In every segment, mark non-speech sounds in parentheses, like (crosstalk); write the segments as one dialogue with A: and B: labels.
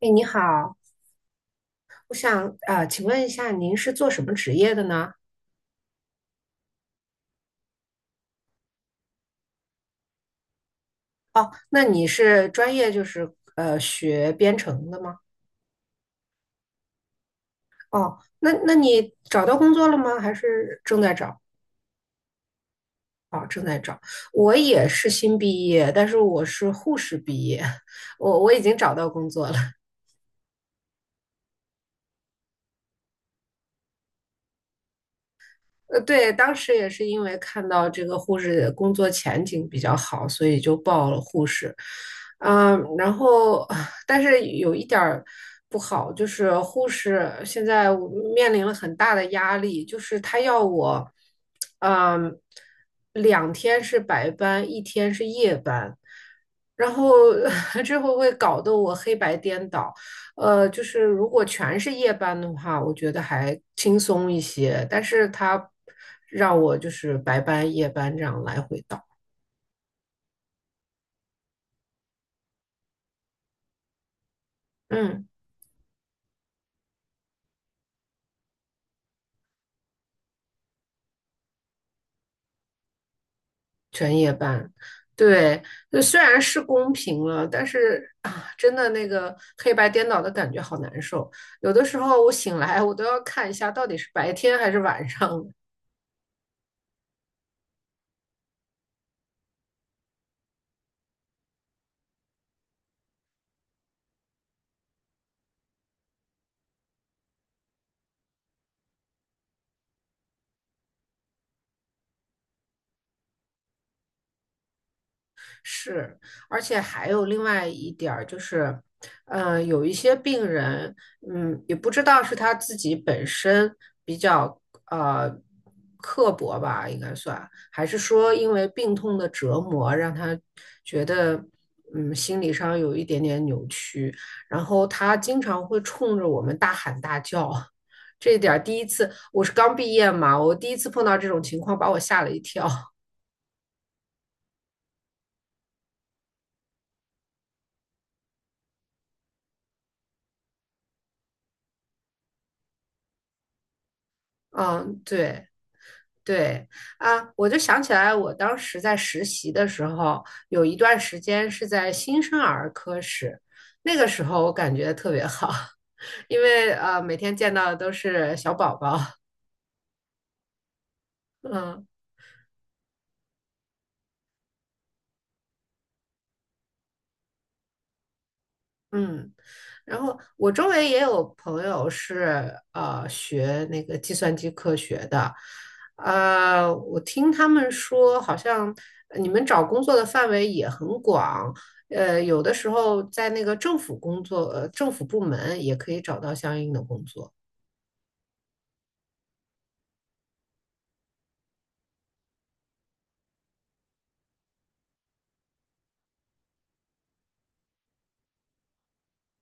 A: 哎，你好，我想请问一下，您是做什么职业的呢？哦，那你是专业就是学编程的吗？哦，那你找到工作了吗？还是正在找？哦，正在找。我也是新毕业，但是我是护士毕业，(laughs) 我已经找到工作了。对，当时也是因为看到这个护士工作前景比较好，所以就报了护士。嗯，然后但是有一点儿不好，就是护士现在我面临了很大的压力，就是他要我，嗯，两天是白班，一天是夜班，然后 (laughs) 这会搞得我黑白颠倒。就是如果全是夜班的话，我觉得还轻松一些，但是他让我就是白班、夜班这样来回倒，嗯，全夜班，对，就虽然是公平了，但是啊，真的那个黑白颠倒的感觉好难受，有的时候我醒来我都要看一下到底是白天还是晚上，是，而且还有另外一点儿就是，有一些病人，嗯，也不知道是他自己本身比较呃刻薄吧，应该算，还是说因为病痛的折磨让他觉得，嗯，心理上有一点点扭曲，然后他经常会冲着我们大喊大叫。这一点儿第一次，我是刚毕业嘛，我第一次碰到这种情况，把我吓了一跳。(laughs) 嗯，对。对啊，我就想起来，我当时在实习的时候，有一段时间是在新生儿科室，那个时候我感觉特别好，(laughs) 因为每天见到的都是小宝宝，(laughs) 嗯。嗯，然后我周围也有朋友是学那个计算机科学的，我听他们说，好像你们找工作的范围也很广，有的时候在那个政府工作，呃，政府部门也可以找到相应的工作。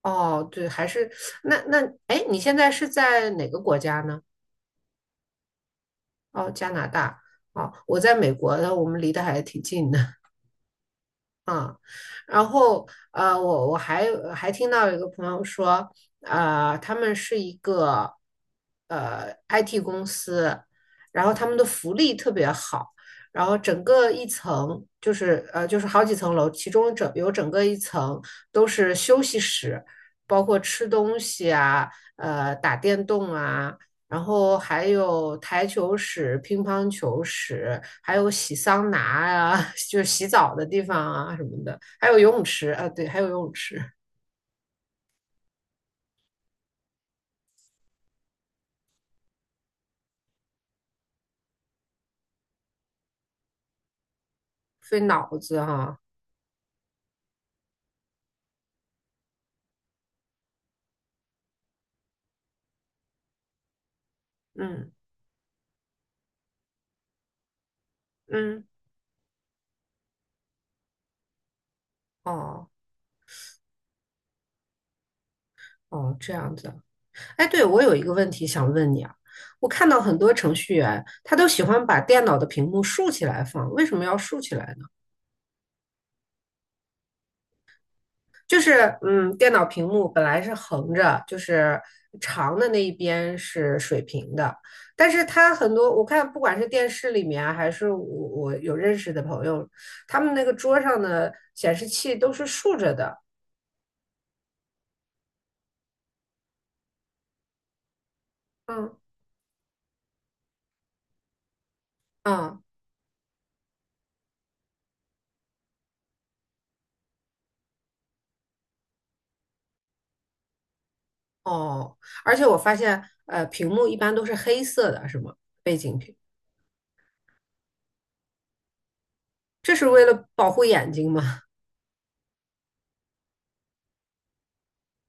A: 哦，对，还是那哎，你现在是在哪个国家呢？哦，加拿大。哦，我在美国的，我们离得还挺近的。啊，然后我还听到有一个朋友说，他们是一个IT 公司，然后他们的福利特别好，然后整个一层就是就是好几层楼，其中整有整个一层都是休息室，包括吃东西啊，打电动啊，然后还有台球室、乒乓球室，还有洗桑拿啊，(laughs) 就是洗澡的地方啊什么的，还有游泳池啊，对，还有游泳池，费脑子哈、嗯嗯，哦哦，这样子。哎，对，我有一个问题想问你啊，我看到很多程序员他都喜欢把电脑的屏幕竖起来放，为什么要竖起来就是嗯，电脑屏幕本来是横着，就是长的那一边是水平的，但是它很多我看不管是电视里面啊还是我有认识的朋友，他们那个桌上的显示器都是竖着的，嗯嗯哦，而且我发现屏幕一般都是黑色的，是吗？背景屏，这是为了保护眼睛吗？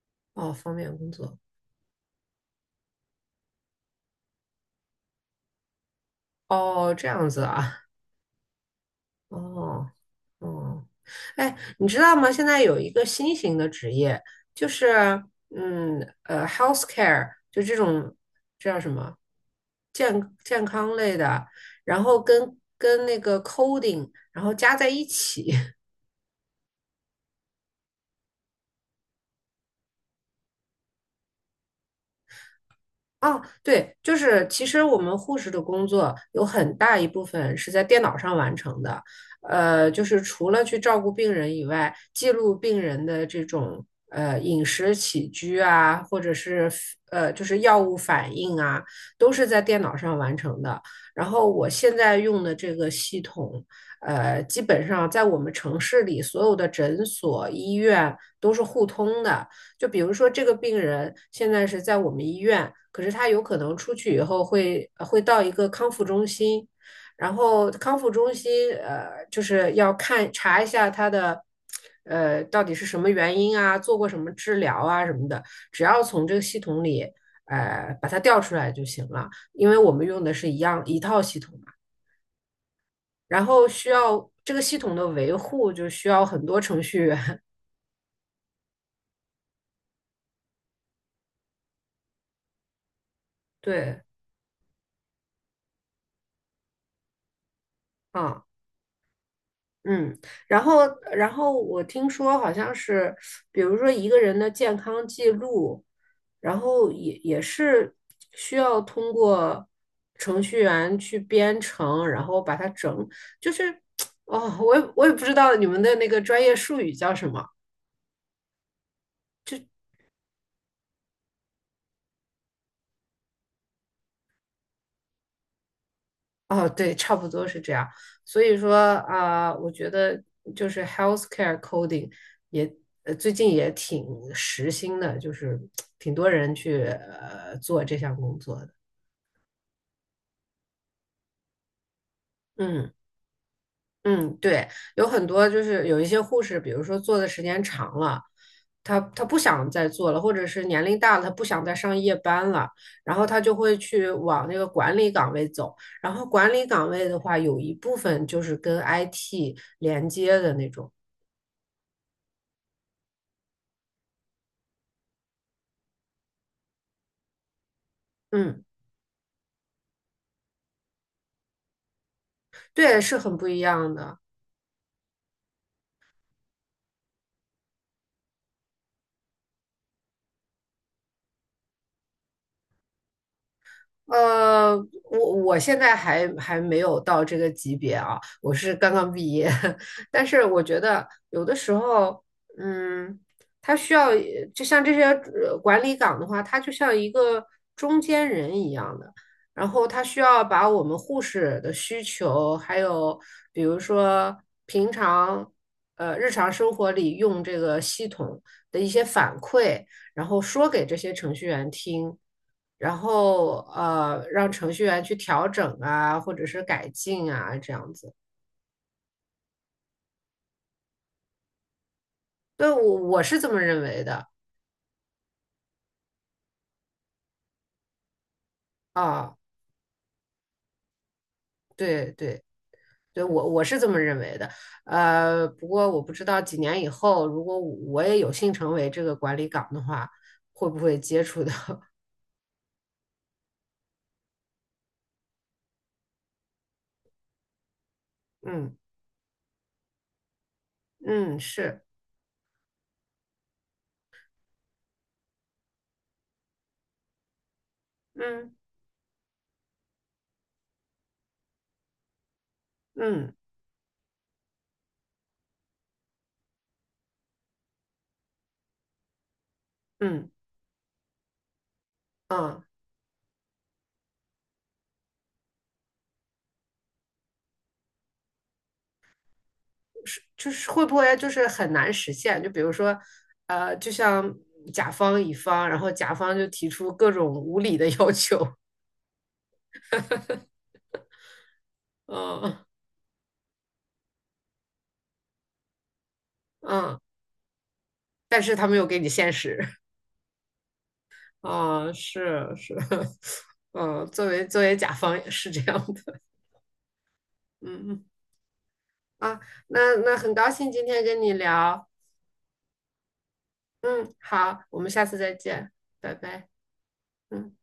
A: (laughs) 哦，方便工作。哦，这样子啊。哦。嗯，哎，你知道吗？现在有一个新型的职业，就是healthcare，就这种这叫什么健康类的，然后跟那个 coding，然后加在一起，(laughs) 啊，对，就是其实我们护士的工作有很大一部分是在电脑上完成的，就是除了去照顾病人以外，记录病人的这种饮食起居啊，或者是就是药物反应啊，都是在电脑上完成的。然后我现在用的这个系统，基本上在我们城市里所有的诊所、医院都是互通的，就比如说这个病人现在是在我们医院，可是他有可能出去以后会到一个康复中心，然后康复中心就是要看查一下他的到底是什么原因啊，做过什么治疗啊什么的，只要从这个系统里把它调出来就行了，因为我们用的是一样一套系统嘛。然后需要这个系统的维护，就需要很多程序员。(laughs) 对，啊、嗯，然后，然后我听说好像是，比如说一个人的健康记录，然后也是需要通过程序员去编程，然后把它整，就是，(tsk) 哦，我也不知道你们的那个专业术语叫什么。哦，对，差不多是这样。所以说啊、我觉得就是 healthcare coding 也最近也挺时兴的，就是挺多人去做这项工作的。嗯嗯，对，有很多就是有一些护士，比如说做的时间长了，他不想再做了，或者是年龄大了，他不想再上夜班了，然后他就会去往那个管理岗位走。然后管理岗位的话，有一部分就是跟 IT 连接的那种。嗯，对，是很不一样的。呃，我现在还没有到这个级别啊，我是刚刚毕业，(laughs) 但是我觉得有的时候，嗯，它需要就像这些管理岗的话，它就像一个中间人一样的，然后它需要把我们护士的需求，还有比如说平常日常生活里用这个系统的一些反馈，然后说给这些程序员听。然后让程序员去调整啊，或者是改进啊，这样子。对，我是这么认为的啊，对对对，我是这么认为的。不过我不知道几年以后，如果我也有幸成为这个管理岗的话，会不会接触到？(laughs) 嗯嗯，是，嗯嗯嗯嗯。就是会不会就是很难实现？就比如说，就像甲方乙方，然后甲方就提出各种无理的 (laughs) 要求，嗯嗯，但是他没有给你现实，啊、是是，(laughs) 嗯，作为甲方也是这样的，嗯嗯啊，那很高兴今天跟你聊，嗯，好，我们下次再见，拜拜，嗯。